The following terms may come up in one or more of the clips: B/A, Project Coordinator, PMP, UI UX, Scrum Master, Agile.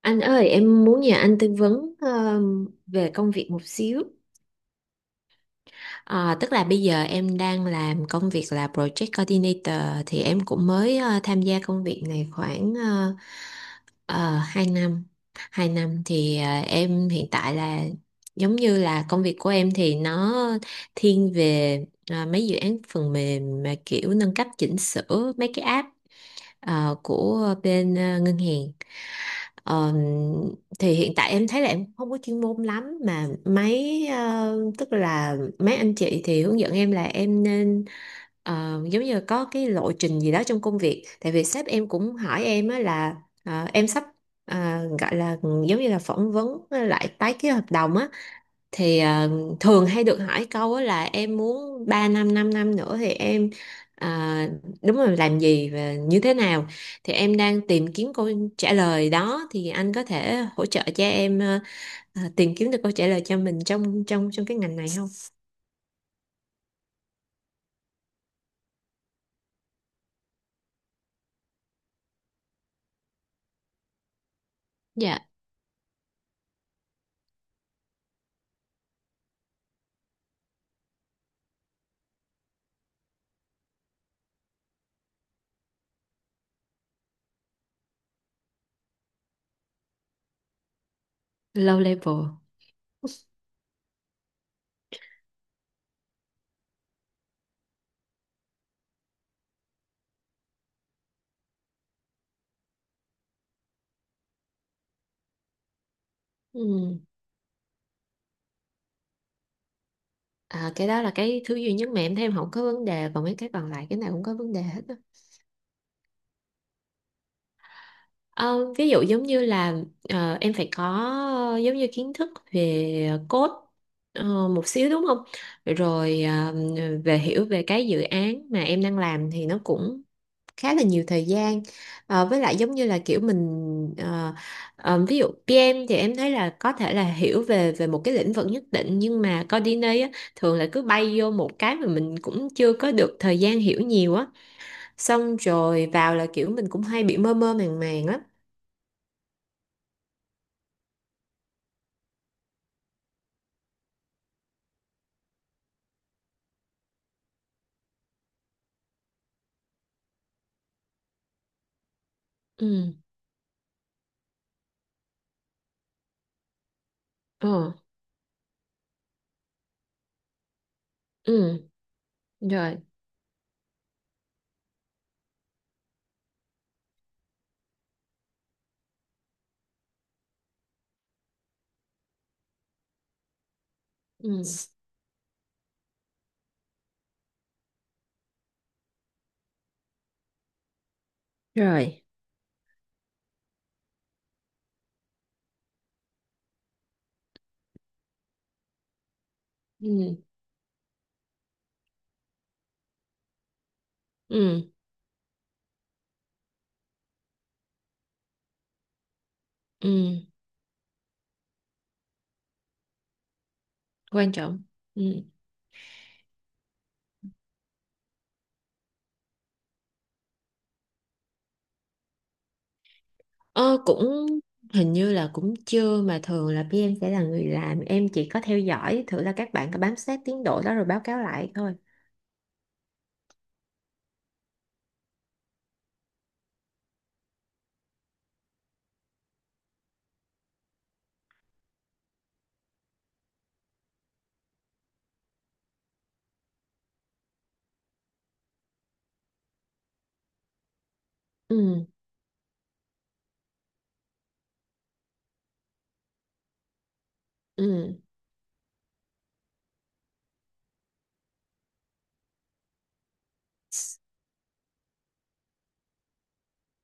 Anh ơi, em muốn nhờ anh tư vấn về công việc một xíu. Ờ, Tức là bây giờ em đang làm công việc là Project Coordinator thì em cũng mới tham gia công việc này khoảng 2 năm. Hai năm thì em hiện tại là giống như là công việc của em thì nó thiên về mấy dự án phần mềm mà kiểu nâng cấp chỉnh sửa mấy cái app của bên ngân hàng. Ờ, thì hiện tại em thấy là em không có chuyên môn lắm, mà mấy tức là mấy anh chị thì hướng dẫn em là em nên giống như là có cái lộ trình gì đó trong công việc, tại vì sếp em cũng hỏi em á là em sắp ờ, gọi là giống như là phỏng vấn lại tái ký hợp đồng á, thì thường hay được hỏi câu á là em muốn 3 năm 5 năm nữa thì em ờ, đúng rồi làm gì và như thế nào, thì em đang tìm kiếm câu trả lời đó. Thì anh có thể hỗ trợ cho em tìm kiếm được câu trả lời cho mình trong trong trong cái ngành này không? Dạ, low level. Ừ. À, cái đó là cái thứ duy nhất mà em thấy em không có vấn đề, còn mấy cái còn lại cái nào cũng có vấn đề hết. Ờ, ví dụ giống như là em phải có giống như kiến thức về code một xíu, đúng không? Rồi về hiểu về cái dự án mà em đang làm thì nó cũng khá là nhiều thời gian. Ờ, với lại giống như là kiểu mình ví dụ PM thì em thấy là có thể là hiểu về về một cái lĩnh vực nhất định, nhưng mà coordinator á, thường là cứ bay vô một cái mà mình cũng chưa có được thời gian hiểu nhiều á. Xong rồi vào là kiểu mình cũng hay bị mơ mơ màng màng á. Ừ. Ờ. Ừ, rồi. Ừ, rồi. Ừ. Ừ. Ừ, quan trọng. Ừ. ờ cũng hình như là cũng chưa, mà thường là pê em sẽ là người làm, em chỉ có theo dõi thử là các bạn có bám sát tiến độ đó rồi báo cáo lại thôi. Ừ. Ừ.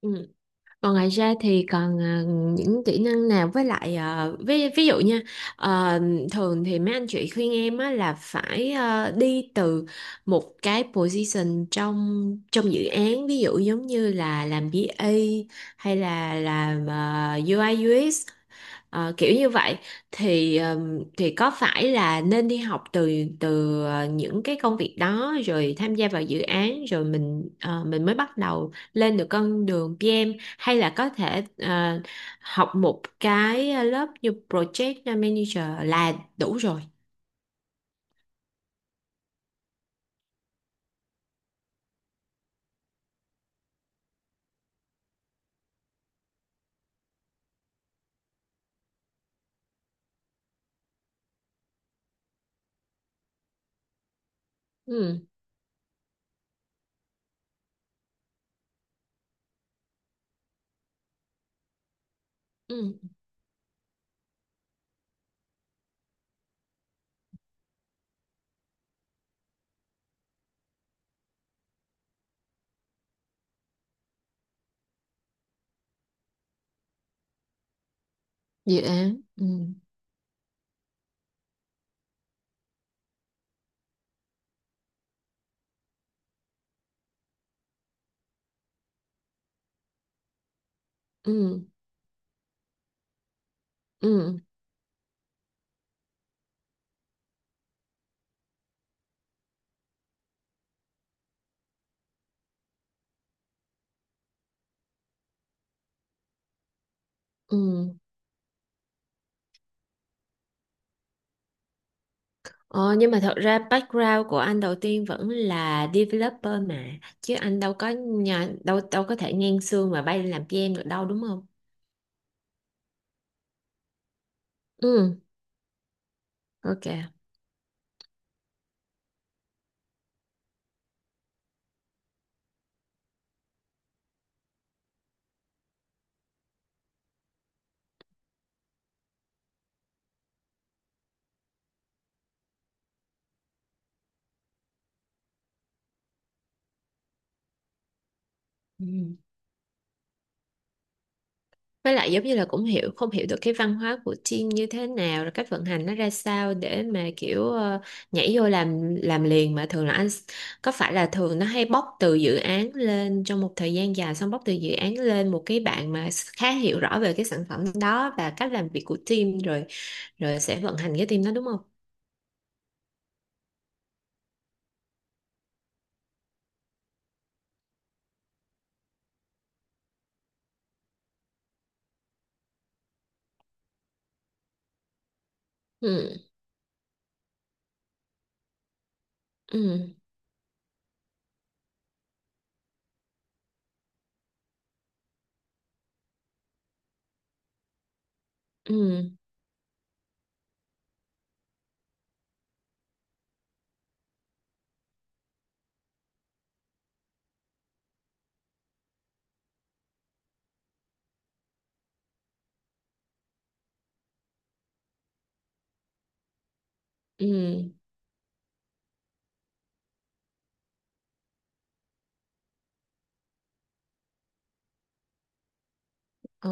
Ừ. Còn ngoài ra thì còn à, những kỹ năng nào? Với lại à, ví dụ nha, à, thường thì mấy anh chị khuyên em á, là phải à, đi từ một cái position trong trong dự án, ví dụ giống như là làm B/A hay là làm à, UI UX. Ờ, kiểu như vậy thì có phải là nên đi học từ từ những cái công việc đó rồi tham gia vào dự án rồi mình mình mới bắt đầu lên được con đường PM, hay là có thể học một cái lớp như project manager là đủ rồi. Ừ. Ừ, dự án. Ừ. Ừ, ừ, ừ. Ờ, nhưng mà thật ra background của anh đầu tiên vẫn là developer mà, chứ anh đâu có nhà, đâu đâu có thể ngang xương mà bay làm PM được đâu, đúng không? Ừ, ok. Ừ. Với lại giống như là cũng hiểu không hiểu được cái văn hóa của team như thế nào, rồi cách vận hành nó ra sao để mà kiểu nhảy vô làm liền, mà thường là có phải là thường nó hay bóc từ dự án lên trong một thời gian dài, xong bóc từ dự án lên một cái bạn mà khá hiểu rõ về cái sản phẩm đó và cách làm việc của team rồi, rồi sẽ vận hành cái team đó, đúng không? Ừ. Ừ. Ừ. Ừ. Ờ,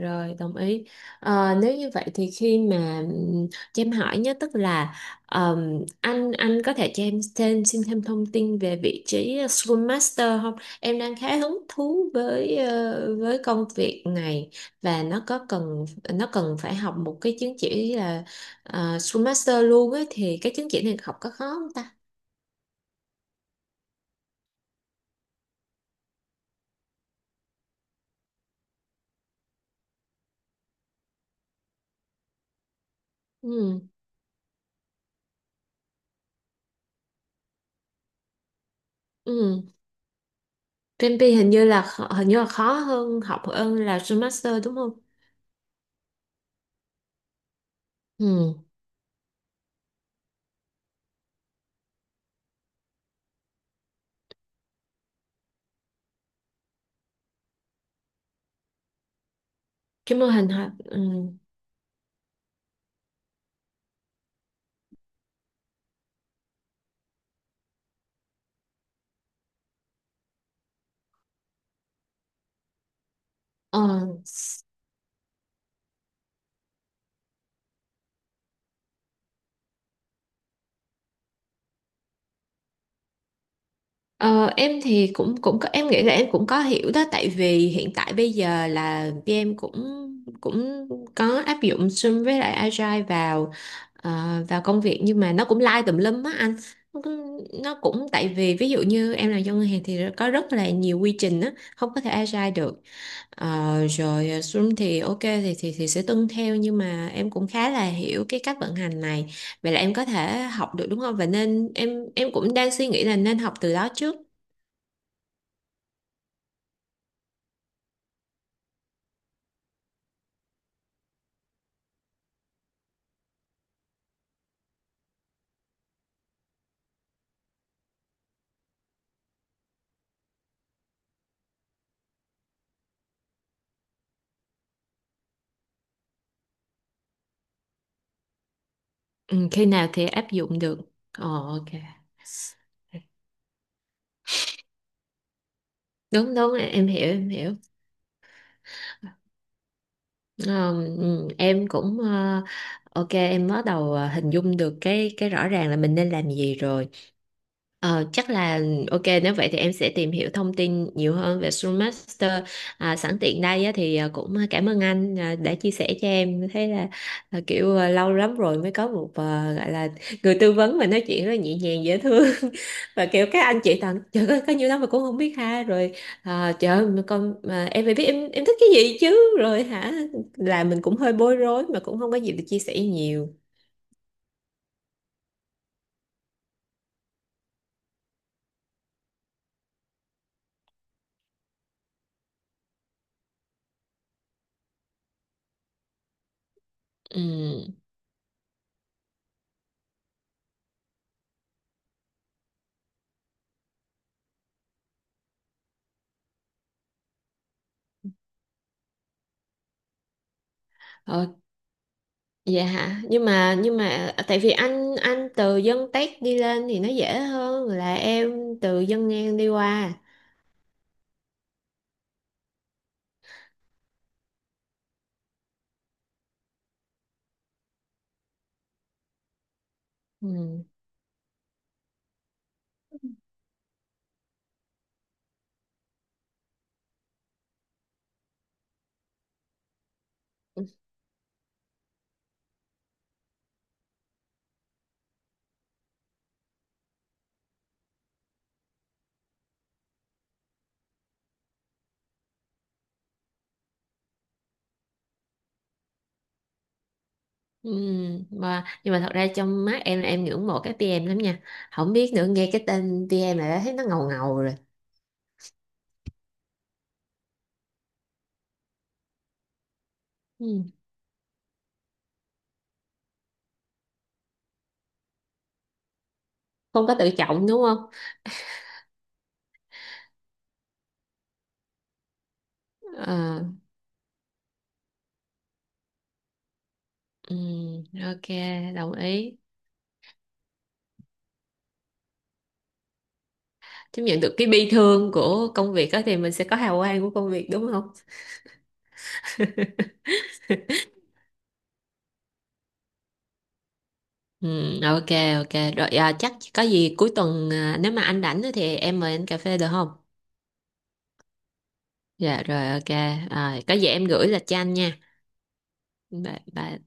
rồi, đồng ý. Ờ, nếu như vậy thì khi mà cho em hỏi nhé, tức là anh có thể cho em thêm xin thêm thông tin về vị trí Scrum Master không? Em đang khá hứng thú với với công việc này, và nó có cần, nó cần phải học một cái chứng chỉ là Scrum Master luôn ấy, thì cái chứng chỉ này học có khó không ta? Ừ. Ừ. PMP hình như là hình như là khó hơn học hơn là Scrum Master, đúng không? Ừ. Cái mô hình học ừ. Ờ, s- ờ, em thì cũng cũng có, em nghĩ là em cũng có hiểu đó, tại vì hiện tại bây giờ là em cũng cũng có áp dụng Scrum với lại Agile vào ờ, vào công việc, nhưng mà nó cũng lai tùm lum á anh, tại vì ví dụ như em làm trong ngân hàng thì có rất là nhiều quy trình á, không có thể Agile được. Ờ, rồi à, Xuân thì ok thì thì sẽ tuân theo, nhưng mà em cũng khá là hiểu cái cách vận hành này, vậy là em có thể học được đúng không? Và nên em cũng đang suy nghĩ là nên học từ đó trước. Ừ, khi nào thì áp dụng được. Ờ, ok. Đúng đúng, em hiểu em hiểu. Ờ, ừ, em cũng ờ, ok, em bắt đầu hình dung được cái rõ ràng là mình nên làm gì rồi. Ờ, chắc là ok, nếu vậy thì em sẽ tìm hiểu thông tin nhiều hơn về Scrum Master. À, sẵn tiện đây á, thì à, cũng cảm ơn anh à, đã chia sẻ cho em. Thế là à, kiểu à, lâu lắm rồi mới có một à, gọi là người tư vấn mà nói chuyện rất là nhẹ nhàng dễ thương và kiểu các anh chị toàn trời ơi có nhiều lắm mà cũng không biết, ha rồi à, trời ơi mà con mà em phải biết em thích cái gì chứ, rồi hả, là mình cũng hơi bối rối mà cũng không có gì để chia sẻ nhiều. Ừ. Dạ hả? Nhưng mà à, tại vì anh từ dân Tết đi lên thì nó dễ hơn là em từ dân ngang đi qua. Ừ. Ừ. Mà, nhưng mà thật ra trong mắt em là em ngưỡng mộ cái pê em lắm nha. Không biết nữa, nghe cái tên pê em là đã thấy nó ngầu ngầu rồi. Ừ. Không có tự trọng đúng không? Ờ, ừ, ok, đồng ý. Chấp nhận được cái bi thương của công việc đó thì mình sẽ có hào quang của công việc, đúng không? Ừ, ok. Ok rồi à, chắc có gì cuối tuần à, nếu mà anh rảnh á thì em mời anh cà phê được không? Dạ rồi, ok. À, có gì em gửi lịch cho anh nha. Bye, bye.